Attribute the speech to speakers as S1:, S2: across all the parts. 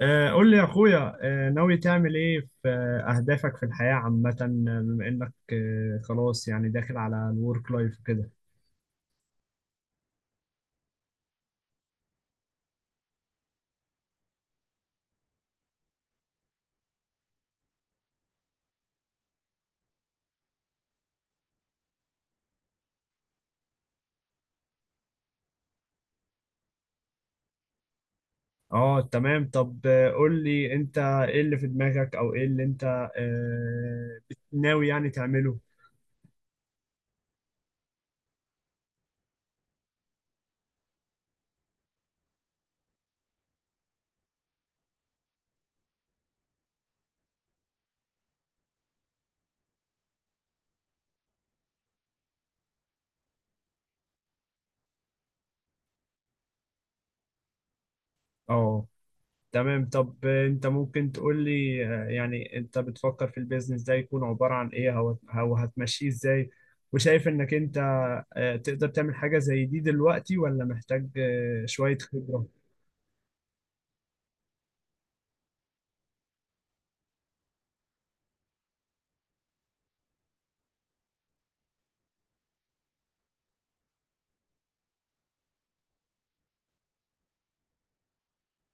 S1: قول لي يا اخويا، ناوي تعمل ايه في اهدافك في الحياة عامة، بما انك خلاص يعني داخل على الورك لايف وكده. اه تمام. طب قول لي انت ايه اللي في دماغك او ايه اللي انت ناوي يعني تعمله. اه تمام. طب انت ممكن تقول لي، يعني انت بتفكر في البيزنس ده يكون عبارة عن ايه او أو هتمشيه ازاي، وشايف انك انت تقدر تعمل حاجة زي دي دلوقتي ولا محتاج شوية خبرة.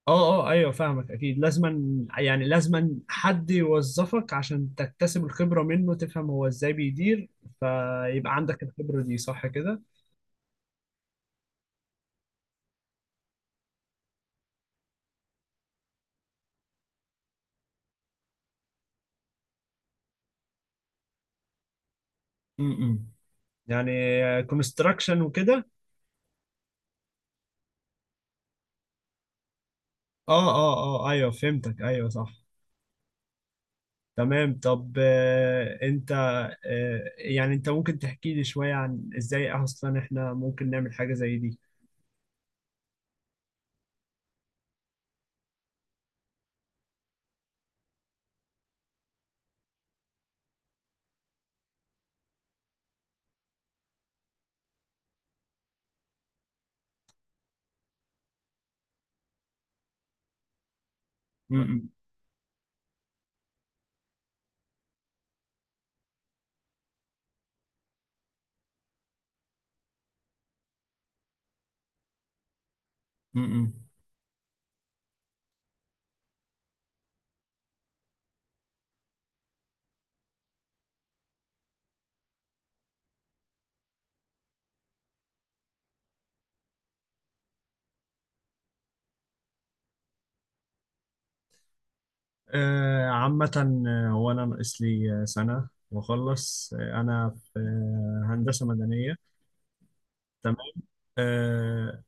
S1: اه اه ايوه، فاهمك. اكيد لازما يعني لازما حد يوظفك عشان تكتسب الخبرة منه، تفهم هو ازاي بيدير، فيبقى عندك الخبرة دي، صح كده؟ امم. يعني كونستراكشن وكده. اه اه اه ايوه، فهمتك، ايوه صح. تمام. طب آه انت، آه يعني انت ممكن تحكي لي شوية عن ازاي اصلا احنا ممكن نعمل حاجة زي دي. امم. امم. عامة، هو أنا ناقص لي سنة وأخلص. أنا في هندسة مدنية. تمام. آه،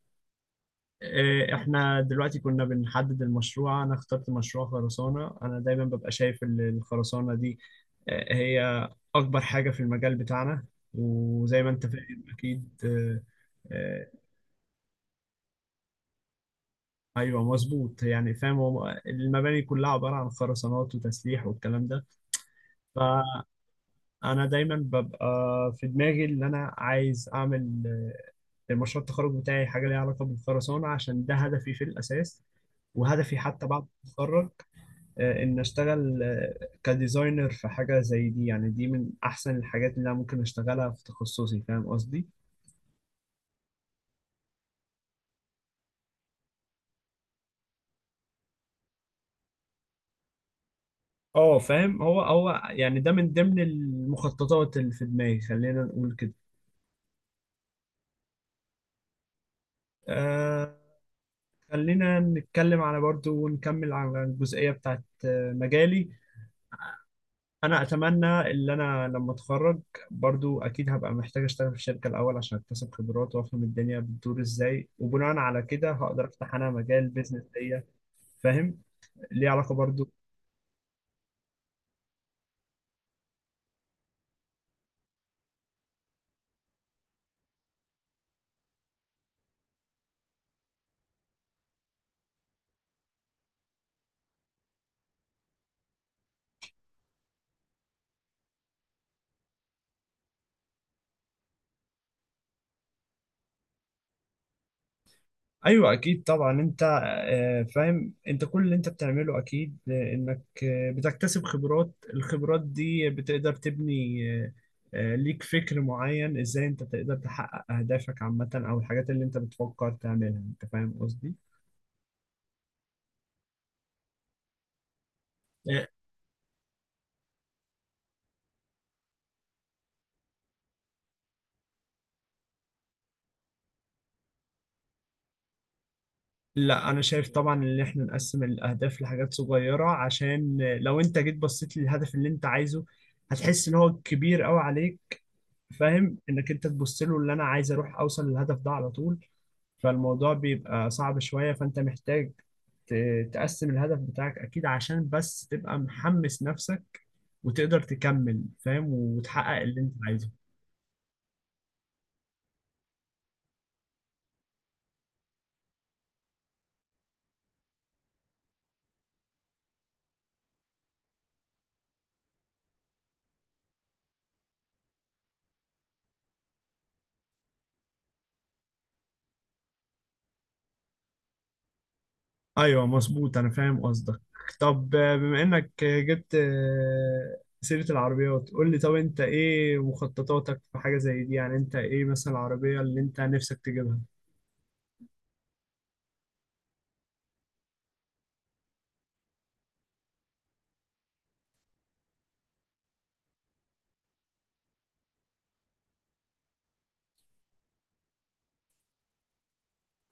S1: إحنا دلوقتي كنا بنحدد المشروع، أنا اخترت مشروع خرسانة. أنا دايما ببقى شايف الخرسانة دي هي أكبر حاجة في المجال بتاعنا، وزي ما أنت فاهم أكيد. آه، أيوه مظبوط، يعني فاهم. هو المباني كلها عبارة عن خرسانات وتسليح والكلام ده. انا دايما ببقى في دماغي اللي انا عايز اعمل المشروع التخرج بتاعي حاجه ليها علاقه بالخرسانه، عشان ده هدفي في الاساس، وهدفي حتى بعد ما اتخرج ان اشتغل كديزاينر في حاجه زي دي. يعني دي من احسن الحاجات اللي انا ممكن اشتغلها في تخصصي، فاهم قصدي؟ اه فاهم. هو يعني ده من ضمن المخططات اللي في دماغي، خلينا نقول كده. آه خلينا نتكلم على برضو، ونكمل على الجزئيه بتاعت مجالي. انا اتمنى ان انا لما اتخرج برضو اكيد هبقى محتاج اشتغل في شركه الاول، عشان اكتسب خبرات وافهم الدنيا بتدور ازاي، وبناء على كده هقدر افتح انا مجال بيزنس ليا. فاهم، ليه علاقه برضو. ايوه اكيد طبعا. انت فاهم انت كل اللي انت بتعمله اكيد، انك بتكتسب خبرات، الخبرات دي بتقدر تبني ليك فكر معين ازاي انت تقدر تحقق اهدافك عامه، او الحاجات اللي انت بتفكر تعملها، انت فاهم قصدي؟ لا انا شايف طبعا ان احنا نقسم الاهداف لحاجات صغيره، عشان لو انت جيت بصيت للهدف اللي انت عايزه هتحس ان هو كبير قوي عليك. فاهم، انك انت تبص له، اللي انا عايز اروح اوصل للهدف ده على طول، فالموضوع بيبقى صعب شويه. فانت محتاج تقسم الهدف بتاعك اكيد، عشان بس تبقى محمس نفسك، وتقدر تكمل، فاهم، وتحقق اللي انت عايزه. ايوه مظبوط، انا فاهم قصدك. طب بما انك جبت سيرة العربيات، قول لي طب انت ايه مخططاتك في حاجة زي دي؟ يعني انت ايه مثلا العربية اللي انت نفسك تجيبها؟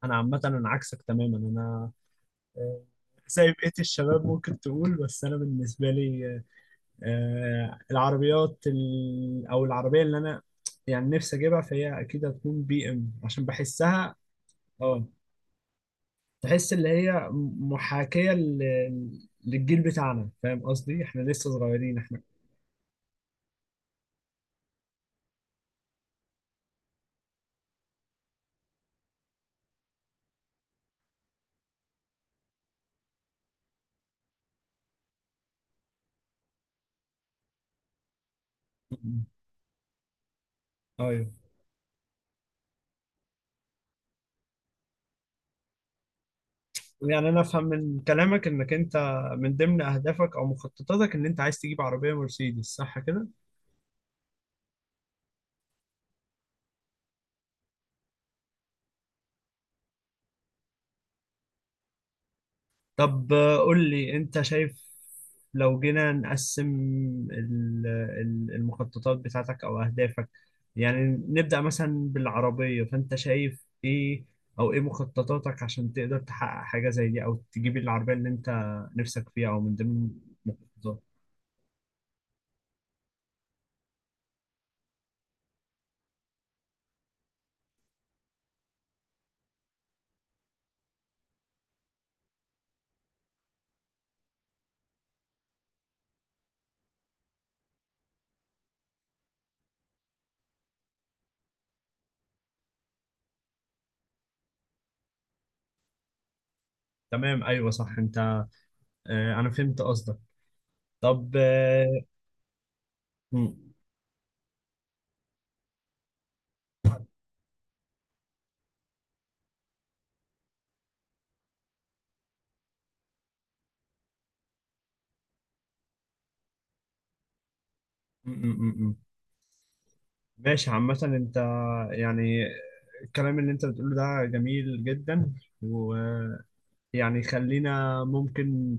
S1: انا عامة انا عكسك تماما. انا آه، زي بقية الشباب ممكن تقول، بس انا بالنسبة لي، العربيات او العربية اللي انا يعني نفسي اجيبها، فهي اكيد هتكون بي ام، عشان بحسها. اه، تحس اللي هي محاكية للجيل بتاعنا، فاهم قصدي؟ احنا لسه صغيرين احنا. ايوه. يعني انا افهم من كلامك انك انت من ضمن اهدافك او مخططاتك ان انت عايز تجيب عربية مرسيدس، صح كده؟ طب قول لي انت شايف لو جينا نقسم ال- المخططات بتاعتك او اهدافك، يعني نبدأ مثلا بالعربية، فانت شايف ايه او ايه مخططاتك عشان تقدر تحقق حاجة زي دي، او تجيب العربية اللي انت نفسك فيها، او من ضمن المخططات. تمام ايوه صح. انت انا فهمت قصدك. طب م- م- م- م- ماشي. عامة انت يعني الكلام اللي انت بتقوله ده جميل جدا. يعني خلينا ممكن،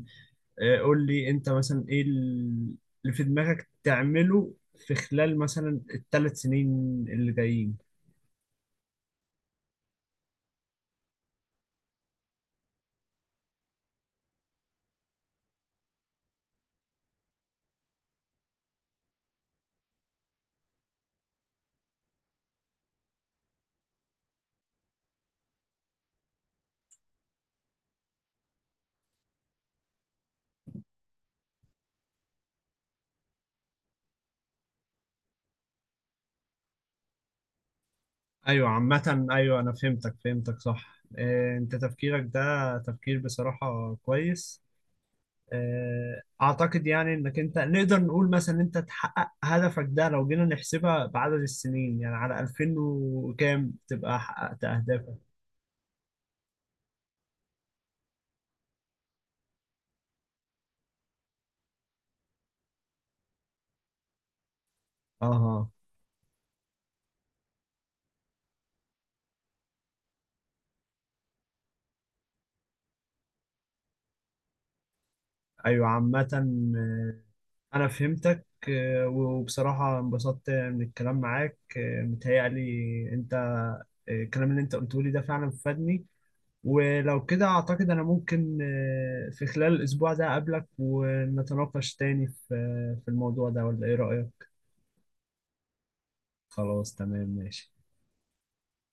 S1: قول لي انت مثلا ايه اللي في دماغك تعمله في خلال مثلا الثلاث سنين اللي جايين. ايوه عامة، ايوه انا فهمتك صح. انت تفكيرك ده تفكير بصراحة كويس، اعتقد. يعني انك انت نقدر نقول مثلا انت تحقق هدفك ده، لو جينا نحسبها بعدد السنين، يعني على 2000 وكام تبقى حققت اهدافك. اها. ايوه عامة، آه، انا فهمتك، وبصراحة انبسطت من الكلام معاك. متهيألي انت، الكلام اللي انت قلته لي ده فعلا فادني. ولو كده اعتقد انا ممكن في خلال الاسبوع ده اقابلك ونتناقش تاني في في الموضوع ده، ولا ايه رأيك؟ خلاص تمام ماشي.